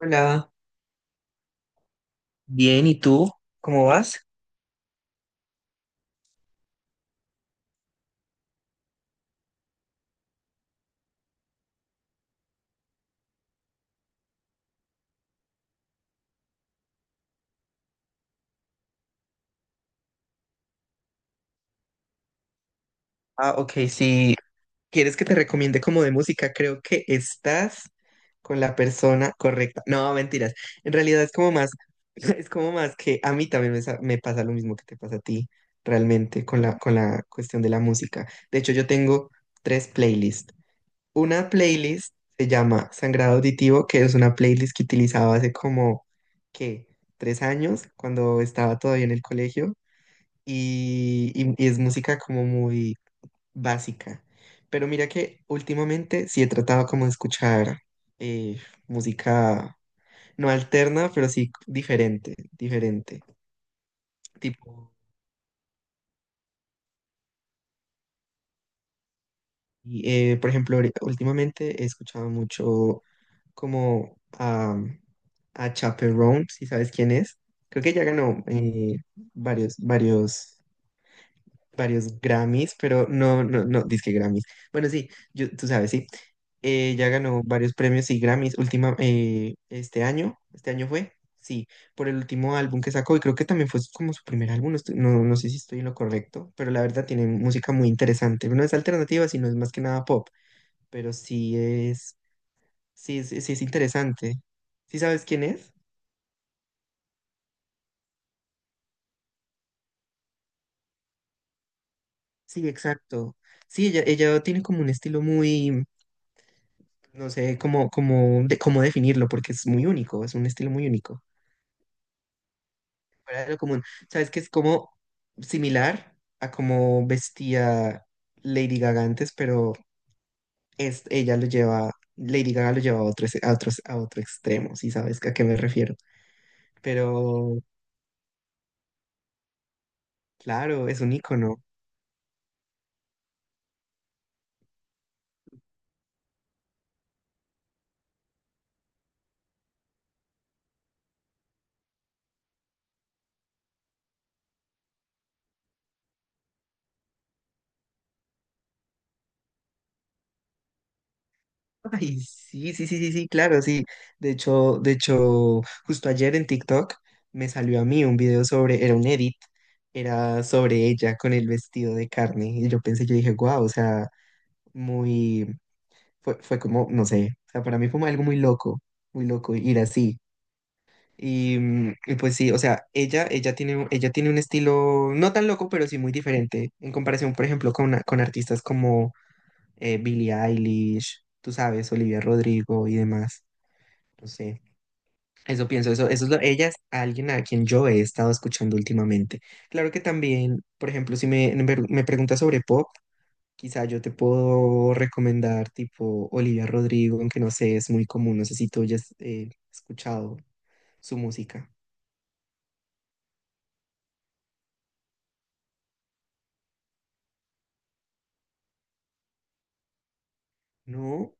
Hola, bien, ¿y tú? ¿Cómo vas? Ah, ok, si quieres que te recomiende como de música, creo que estás con la persona correcta. No, mentiras. En realidad es como más, es como más que a mí también me pasa lo mismo que te pasa a ti, realmente, con la cuestión de la música. De hecho, yo tengo tres playlists. Una playlist se llama Sangrado Auditivo, que es una playlist que utilizaba hace como, ¿qué? Tres años, cuando estaba todavía en el colegio y es música como muy básica. Pero mira que últimamente sí he tratado como de escuchar eh, música no alterna, pero sí diferente, diferente. Tipo, por ejemplo, últimamente he escuchado mucho como a Chappell Roan, si sabes quién es. Creo que ya ganó varios, varios. varios Grammys, pero no, dizque Grammys. Bueno, sí, yo, tú sabes, sí. Ya ganó varios premios y Grammys este año fue, sí, por el último álbum que sacó y creo que también fue como su primer álbum, no, no, no sé si estoy en lo correcto, pero la verdad tiene música muy interesante. No es alternativa, sino es más que nada pop, pero sí es interesante. ¿Sí sabes quién es? Sí, exacto. Sí, ella tiene como un estilo muy, no sé cómo definirlo, porque es muy único, es un estilo muy único. Fuera de lo común. ¿Sabes que es como similar a cómo vestía Lady Gaga antes, pero es, ella lo lleva, Lady Gaga lo lleva a otro extremo, si sabes a qué me refiero. Pero claro, es un icono. Ay, sí, claro, sí. De hecho, justo ayer en TikTok me salió a mí un video sobre, era un edit, era sobre ella con el vestido de carne. Y yo pensé, yo dije, wow, o sea, muy, fue como, no sé, o sea, para mí fue algo muy loco ir así. Y, y pues sí, o sea, ella tiene un estilo no tan loco, pero sí muy diferente en comparación, por ejemplo, con artistas como Billie Eilish, tú sabes, Olivia Rodrigo y demás. Sí, eso pienso, ella es alguien a quien yo he estado escuchando últimamente. Claro que también, por ejemplo, si me preguntas sobre pop, quizá yo te puedo recomendar tipo Olivia Rodrigo, aunque no sé, es muy común, no sé si tú hayas escuchado su música. No,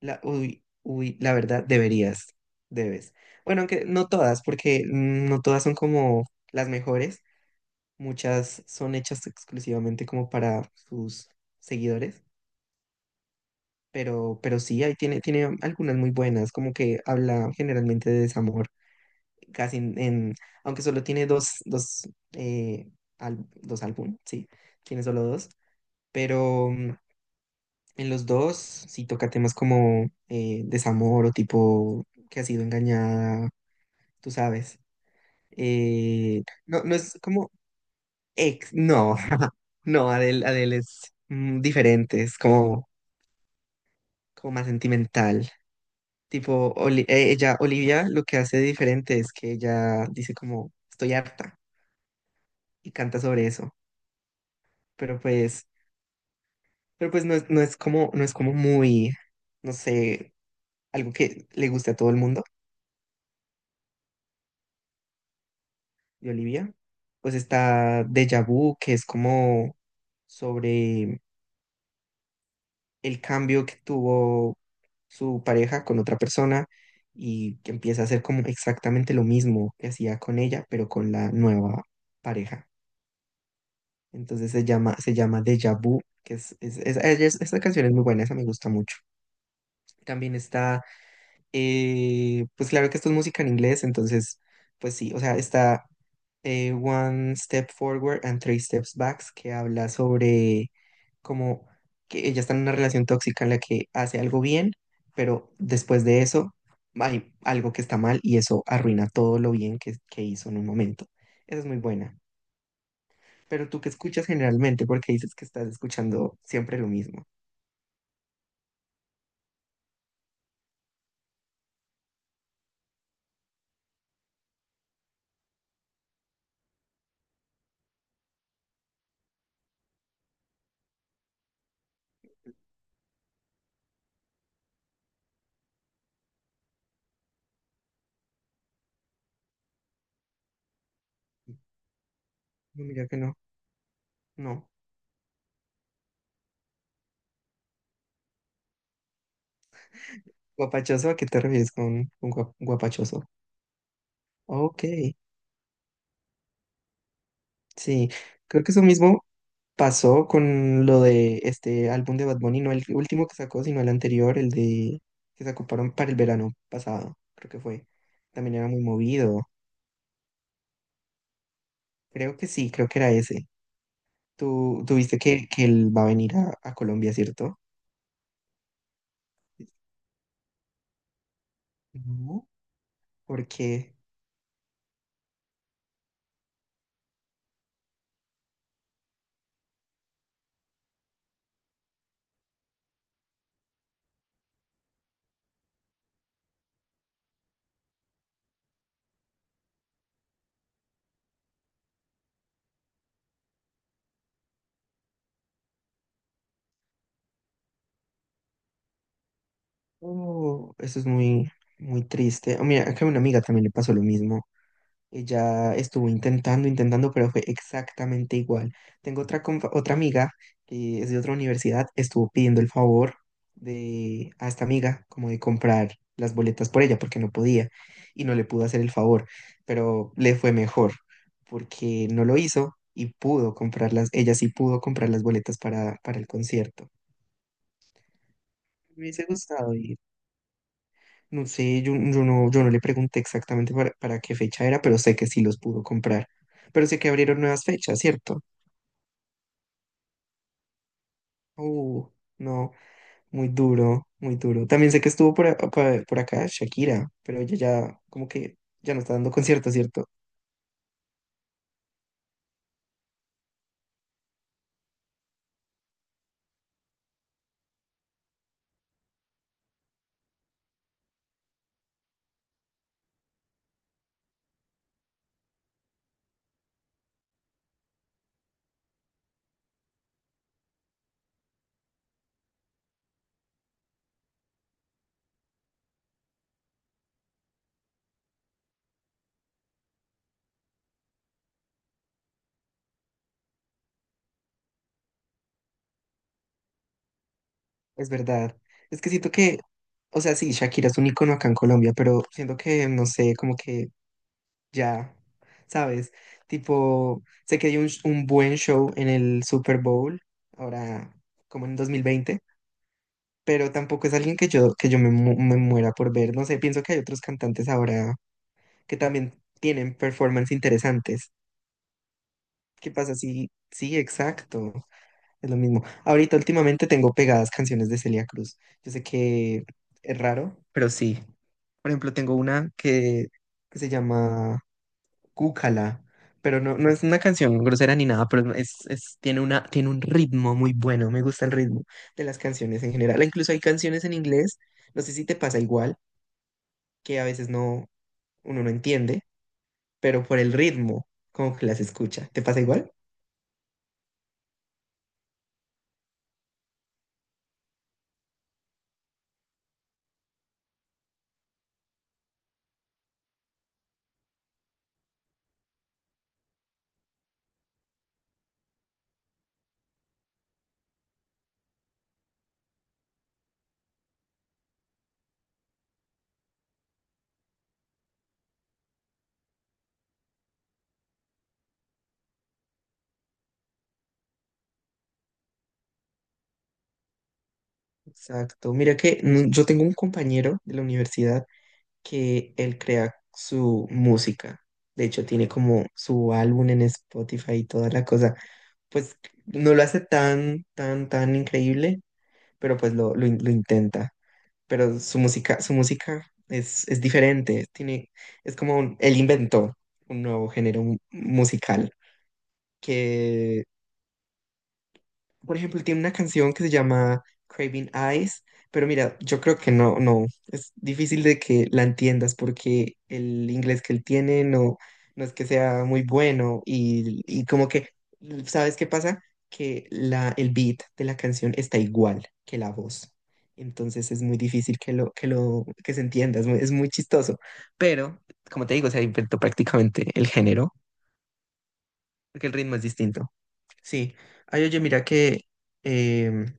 la, uy, uy, la verdad, deberías, debes. Bueno, aunque no todas, porque no todas son como las mejores, muchas son hechas exclusivamente como para sus seguidores. Pero sí, ahí tiene, tiene algunas muy buenas, como que habla generalmente de desamor, casi en, en- aunque solo tiene dos álbum, sí, tiene solo dos, pero en los dos sí toca temas como desamor o tipo que ha sido engañada, tú sabes. No, no es como no, no, Adele, Adele es diferente, es como, como más sentimental. Tipo, Olivia, lo que hace diferente es que ella dice como, estoy harta y canta sobre eso. Pero pues, pero pues no es, no es como muy, no sé, algo que le guste a todo el mundo de Olivia. Pues está Deja Vu, que es como sobre el cambio que tuvo su pareja con otra persona y que empieza a hacer como exactamente lo mismo que hacía con ella, pero con la nueva pareja. Entonces se llama Deja Vu, que esta canción es muy buena, esa me gusta mucho. También está, pues claro que esto es música en inglés, entonces, pues sí, o sea, está One Step Forward and Three Steps Back, que habla sobre como que ella está en una relación tóxica en la que hace algo bien, pero después de eso hay algo que está mal y eso arruina todo lo bien que hizo en un momento. Esa es muy buena. Pero tú qué escuchas generalmente, porque dices que estás escuchando siempre lo mismo. No, mira que no, no. Guapachoso, ¿a qué te refieres con un guapachoso? Ok, sí. Creo que eso mismo pasó con lo de este álbum de Bad Bunny, no el último que sacó, sino el anterior, el de que sacó para el verano pasado, creo que fue. También era muy movido. Creo que sí, creo que era ese. Tú viste que él va a venir a Colombia, ¿cierto? No, porque oh, eso es muy, muy triste. Ah, mira, acá a una amiga también le pasó lo mismo. Ella estuvo intentando, pero fue exactamente igual. Tengo otra, otra amiga que es de otra universidad, estuvo pidiendo el favor de, a esta amiga como de comprar las boletas por ella porque no podía y no le pudo hacer el favor, pero le fue mejor porque no lo hizo y pudo comprarlas, ella sí pudo comprar las boletas para el concierto. Me hubiese gustado ir. No sé, yo no le pregunté exactamente para qué fecha era, pero sé que sí los pudo comprar. Pero sé que abrieron nuevas fechas, ¿cierto? Uh, no, muy duro, muy duro. También sé que estuvo por acá Shakira, pero ella ya como que ya no está dando conciertos, ¿cierto? Es verdad. Es que siento que, o sea, sí, Shakira es un icono acá en Colombia, pero siento que, no sé, como que ya, ¿sabes? Tipo, sé que dio un, un buen show en el Super Bowl, ahora como en 2020, pero tampoco es alguien que yo me muera por ver. No sé, pienso que hay otros cantantes ahora que también tienen performance interesantes. ¿Qué pasa? Sí, sí, exacto. Es lo mismo. Ahorita últimamente tengo pegadas canciones de Celia Cruz. Yo sé que es raro, pero sí. Por ejemplo, tengo una que se llama Cúcala, pero no, no es una canción grosera ni nada, pero tiene una, tiene un ritmo muy bueno, me gusta el ritmo de las canciones en general. Incluso hay canciones en inglés, no sé si te pasa igual, que a veces no, uno no entiende, pero por el ritmo, como que las escucha. ¿Te pasa igual? Exacto. Mira que yo tengo un compañero de la universidad que él crea su música. De hecho, tiene como su álbum en Spotify y toda la cosa pues no lo hace tan increíble, pero pues lo intenta. Pero su música es diferente, tiene, es como un- él inventó un nuevo género musical que por ejemplo, él tiene una canción que se llama Craving Eyes, pero mira, yo creo que no, no, es difícil de que la entiendas porque el inglés que él tiene no, no es que sea muy bueno y como que, ¿sabes qué pasa? Que la, el beat de la canción está igual que la voz. Entonces es muy difícil que se entienda, es muy chistoso. Pero, como te digo, se inventó prácticamente el género, porque el ritmo es distinto. Sí. Ay, oye, mira que em,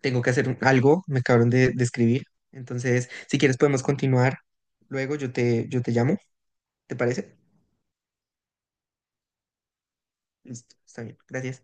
tengo que hacer algo, me acabaron de escribir. Entonces, si quieres podemos continuar. Luego yo te llamo, ¿te parece? Listo, está bien, gracias.